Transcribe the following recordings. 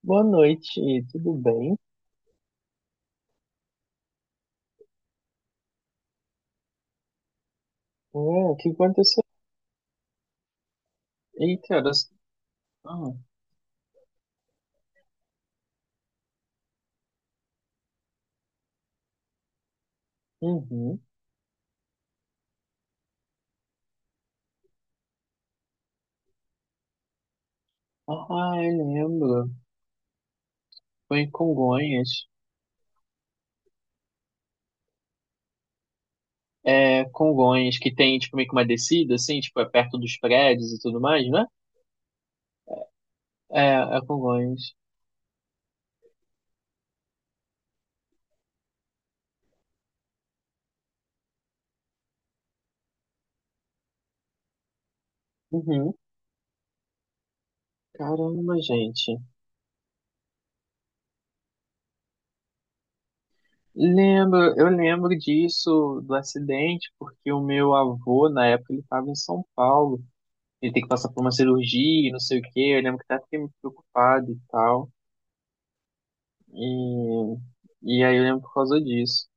Boa noite, tudo bem? É, o que aconteceu? Eita. Ah, uhum. Ah, eu lembro. Foi em Congonhas. É, Congonhas, que tem, tipo, meio que uma descida, assim, tipo, é perto dos prédios e tudo mais, né? É, é Congonhas. Uhum. Caramba, gente. Lembro, eu lembro disso, do acidente, porque o meu avô, na época, ele estava em São Paulo. Ele tem que passar por uma cirurgia, e não sei o quê. Eu lembro que até fiquei muito preocupado e tal. E, e aí eu lembro por causa disso.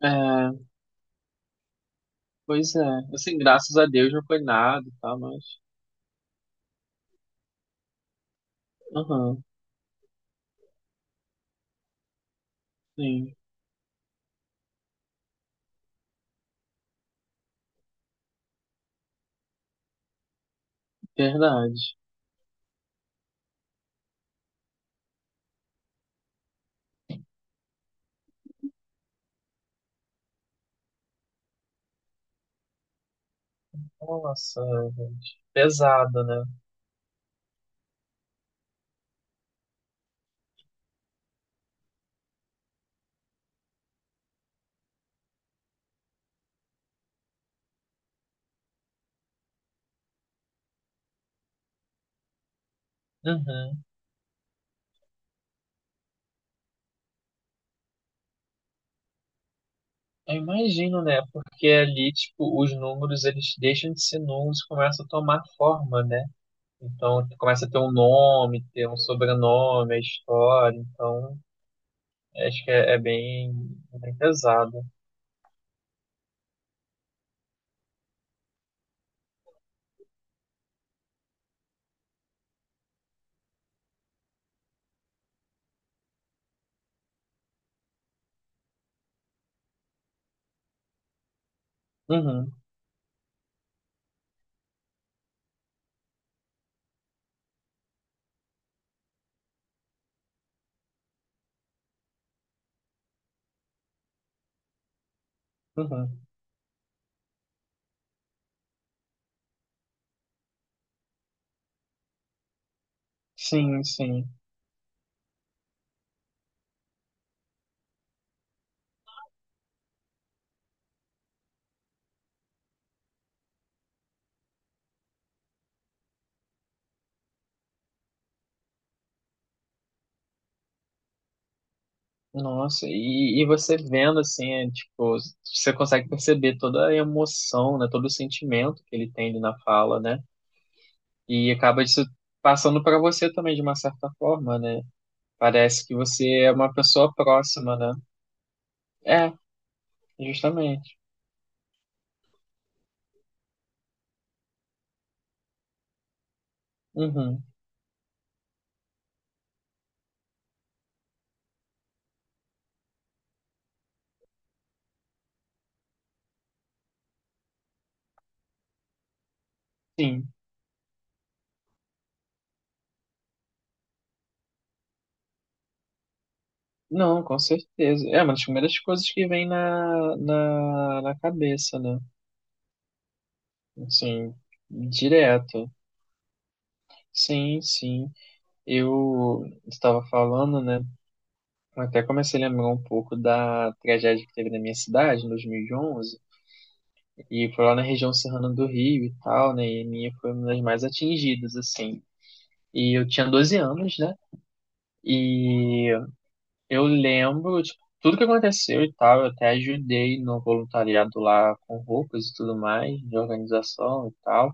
É, pois é. Assim, graças a Deus não foi nada e tal, mas. Aham, sim, verdade. Nossa, gente. Pesada, né? Uhum. Eu imagino, né? Porque ali, tipo, os números, eles deixam de ser números e começam a tomar forma, né? Então, começa a ter um nome, ter um sobrenome, a história. Então, acho que é bem, bem pesado. Uhum, uhum. Sim, sim. Nossa, e você vendo assim, é, tipo, você consegue perceber toda a emoção, né, todo o sentimento que ele tem ali na fala, né? E acaba isso passando para você também de uma certa forma, né? Parece que você é uma pessoa próxima, né? É, justamente. Uhum. Sim. Não, com certeza. É uma das primeiras coisas que vem na cabeça, né? Assim, direto. Sim, sim. Eu estava falando, né? Eu até comecei a lembrar um pouco da tragédia que teve na minha cidade, em 2011, e foi lá na região serrana do Rio e tal, né? E a minha foi uma das mais atingidas, assim. E eu tinha 12 anos, né? E eu lembro, tipo, tudo que aconteceu e tal. Eu até ajudei no voluntariado lá com roupas e tudo mais, de organização e tal.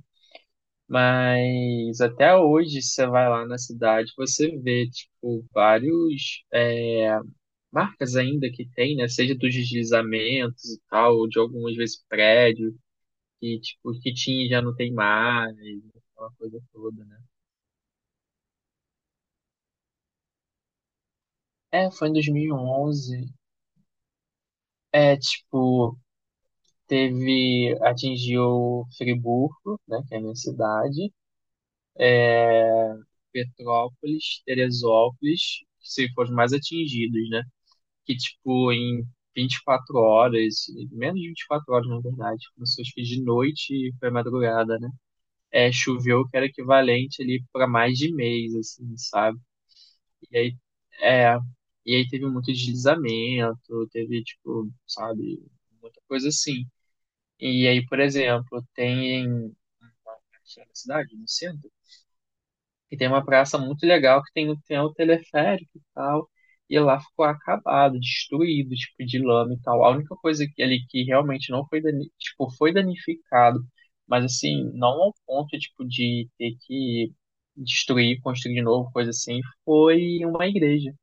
Mas até hoje, você vai lá na cidade, você vê, tipo, vários marcas ainda que tem, né? Seja dos deslizamentos e tal, ou de algumas vezes prédio, que, tipo, que tinha e já não tem mais, aquela coisa toda, né? É, foi em 2011. É, tipo, teve, atingiu Friburgo, né, que é a minha cidade, Petrópolis, Teresópolis, que se foram os mais atingidos, né? Que, tipo, em 24 horas, menos de 24 horas, na verdade, começou acho que de noite e foi madrugada, né? É, choveu que era equivalente ali para mais de mês, assim, sabe? E aí, é, e aí teve muito deslizamento, teve, tipo, sabe, muita coisa assim. E aí, por exemplo, tem aqui na cidade, no centro. E tem uma praça muito legal que tem, o teleférico e tal. E lá ficou acabado, destruído, tipo, de lama e tal. A única coisa ali que realmente não foi, dani tipo, foi danificado, mas assim, não ao ponto, tipo, de ter que destruir, construir de novo, coisa assim, foi uma igreja.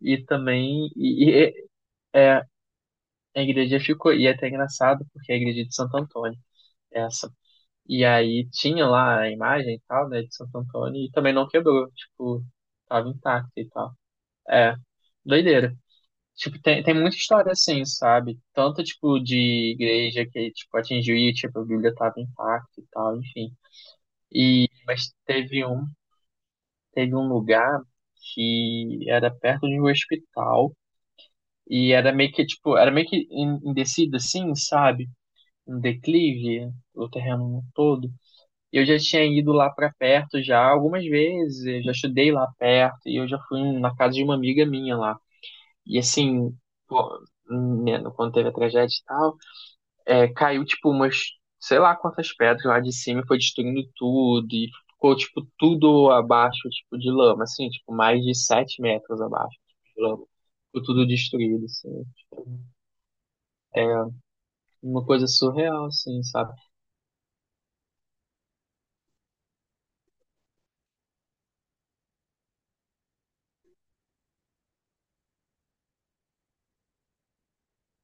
E também. É, a igreja ficou, e é até engraçado, porque é a igreja de Santo Antônio, é essa e aí tinha lá a imagem e tal, né, de Santo Antônio, e também não quebrou, tipo, tava intacta e tal. É, doideira. Tipo, tem muita história assim, sabe? Tanto, tipo, de igreja que, tipo, atingiu e, tipo, a Bíblia tava intacta e tal, enfim. E, mas teve um lugar que era perto de um hospital e era meio que, tipo, era meio que em descida assim, sabe? Um declive, o terreno todo. Eu já tinha ido lá pra perto já algumas vezes, eu já estudei lá perto e eu já fui na casa de uma amiga minha lá. E assim, pô, né, quando teve a tragédia e tal, caiu tipo umas, sei lá quantas pedras lá de cima e foi destruindo tudo e ficou tipo tudo abaixo, tipo de lama, assim, tipo mais de 7 metros abaixo tipo, de lama. Ficou tudo destruído, assim. Tipo, é uma coisa surreal, assim, sabe?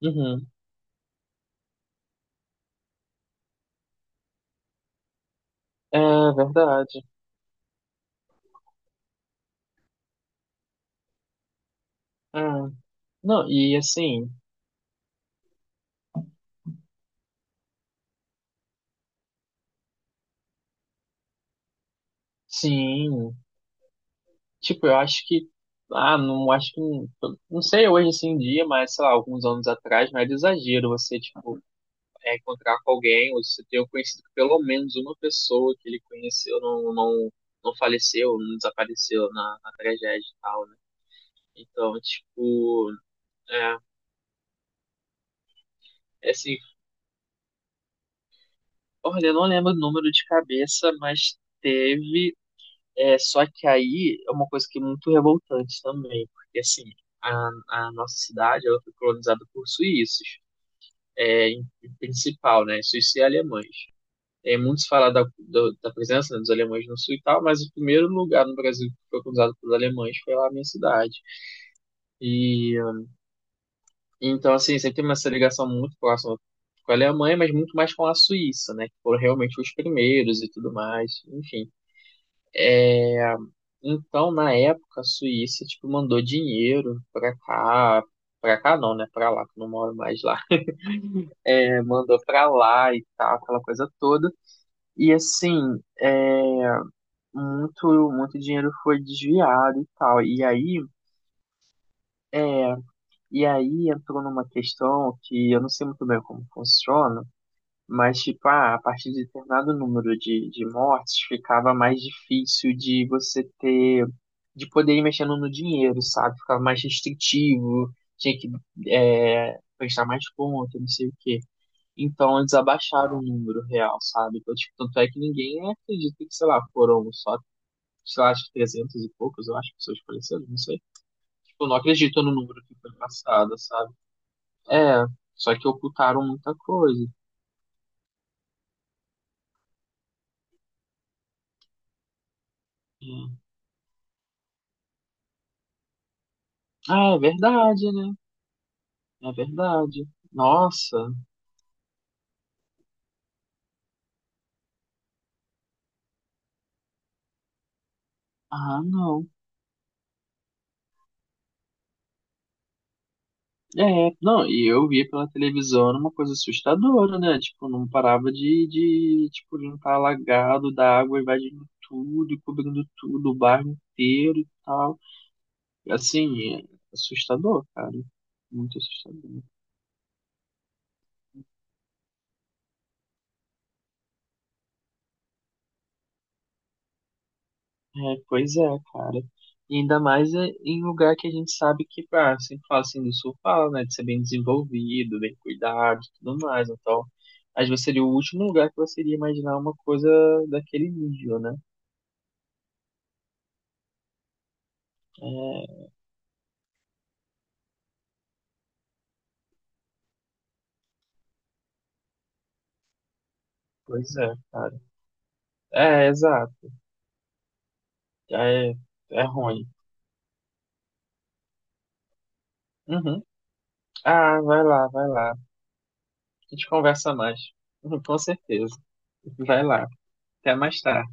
Uhum. É verdade. É. Não, e assim, sim, tipo, eu acho que, ah, não acho que, não sei hoje assim em dia, mas sei lá, alguns anos atrás não era exagero você, tipo, encontrar com alguém, ou você ter conhecido pelo menos uma pessoa que ele conheceu, não faleceu, não desapareceu na tragédia e tal, né? Então, tipo, é, é assim, olha, eu não lembro o número de cabeça, mas teve. É, só que aí é uma coisa que é muito revoltante também, porque assim, a nossa cidade ela foi colonizada por suíços, em principal, né? Suíços e alemães. É, muitos falam da, da presença, né, dos alemães no sul e tal, mas o primeiro lugar no Brasil que foi colonizado pelos alemães foi lá na minha cidade. E então, assim, sempre tem uma essa ligação muito próxima com a Alemanha, mas muito mais com a Suíça, né? Que foram realmente os primeiros e tudo mais, enfim. Então, na época, a Suíça, tipo, mandou dinheiro pra cá não, né? Pra lá, que eu não moro mais lá. É, mandou pra lá e tal, aquela coisa toda. E assim, muito, muito dinheiro foi desviado e tal. É, e aí entrou numa questão que eu não sei muito bem como funciona. Mas, tipo, ah, a partir de determinado número de mortes, ficava mais difícil de você ter, de poder ir mexendo no dinheiro, sabe? Ficava mais restritivo, tinha que prestar mais conta, não sei o quê. Então, eles abaixaram o número real, sabe? Então, tipo, tanto é que ninguém acredita que, sei lá, foram só, sei lá, acho que 300 e poucos, eu acho, pessoas faleceram, não sei. Tipo, não acredito no número que foi passado, sabe? É, só que ocultaram muita coisa. Hum. Ah, é verdade, né? É verdade. Nossa. Ah, não. É, não, e eu via pela televisão era uma coisa assustadora, né? Tipo, não parava de tipo, de não estar alagado da água invadindo tudo, e cobrindo tudo, o bairro inteiro e tal. Assim, é assustador, cara. Muito assustador. É, pois é, cara. E ainda mais é em lugar que a gente sabe que, ah, sempre fala assim do sul, fala, né, de ser bem desenvolvido, bem cuidado e tudo mais. Então, às vezes seria o último lugar que você iria imaginar uma coisa daquele nível, né? É, pois é, cara. É, exato. É, é ruim. Uhum. Ah, vai lá, vai lá. A gente conversa mais. com certeza. Vai lá. Até mais tarde.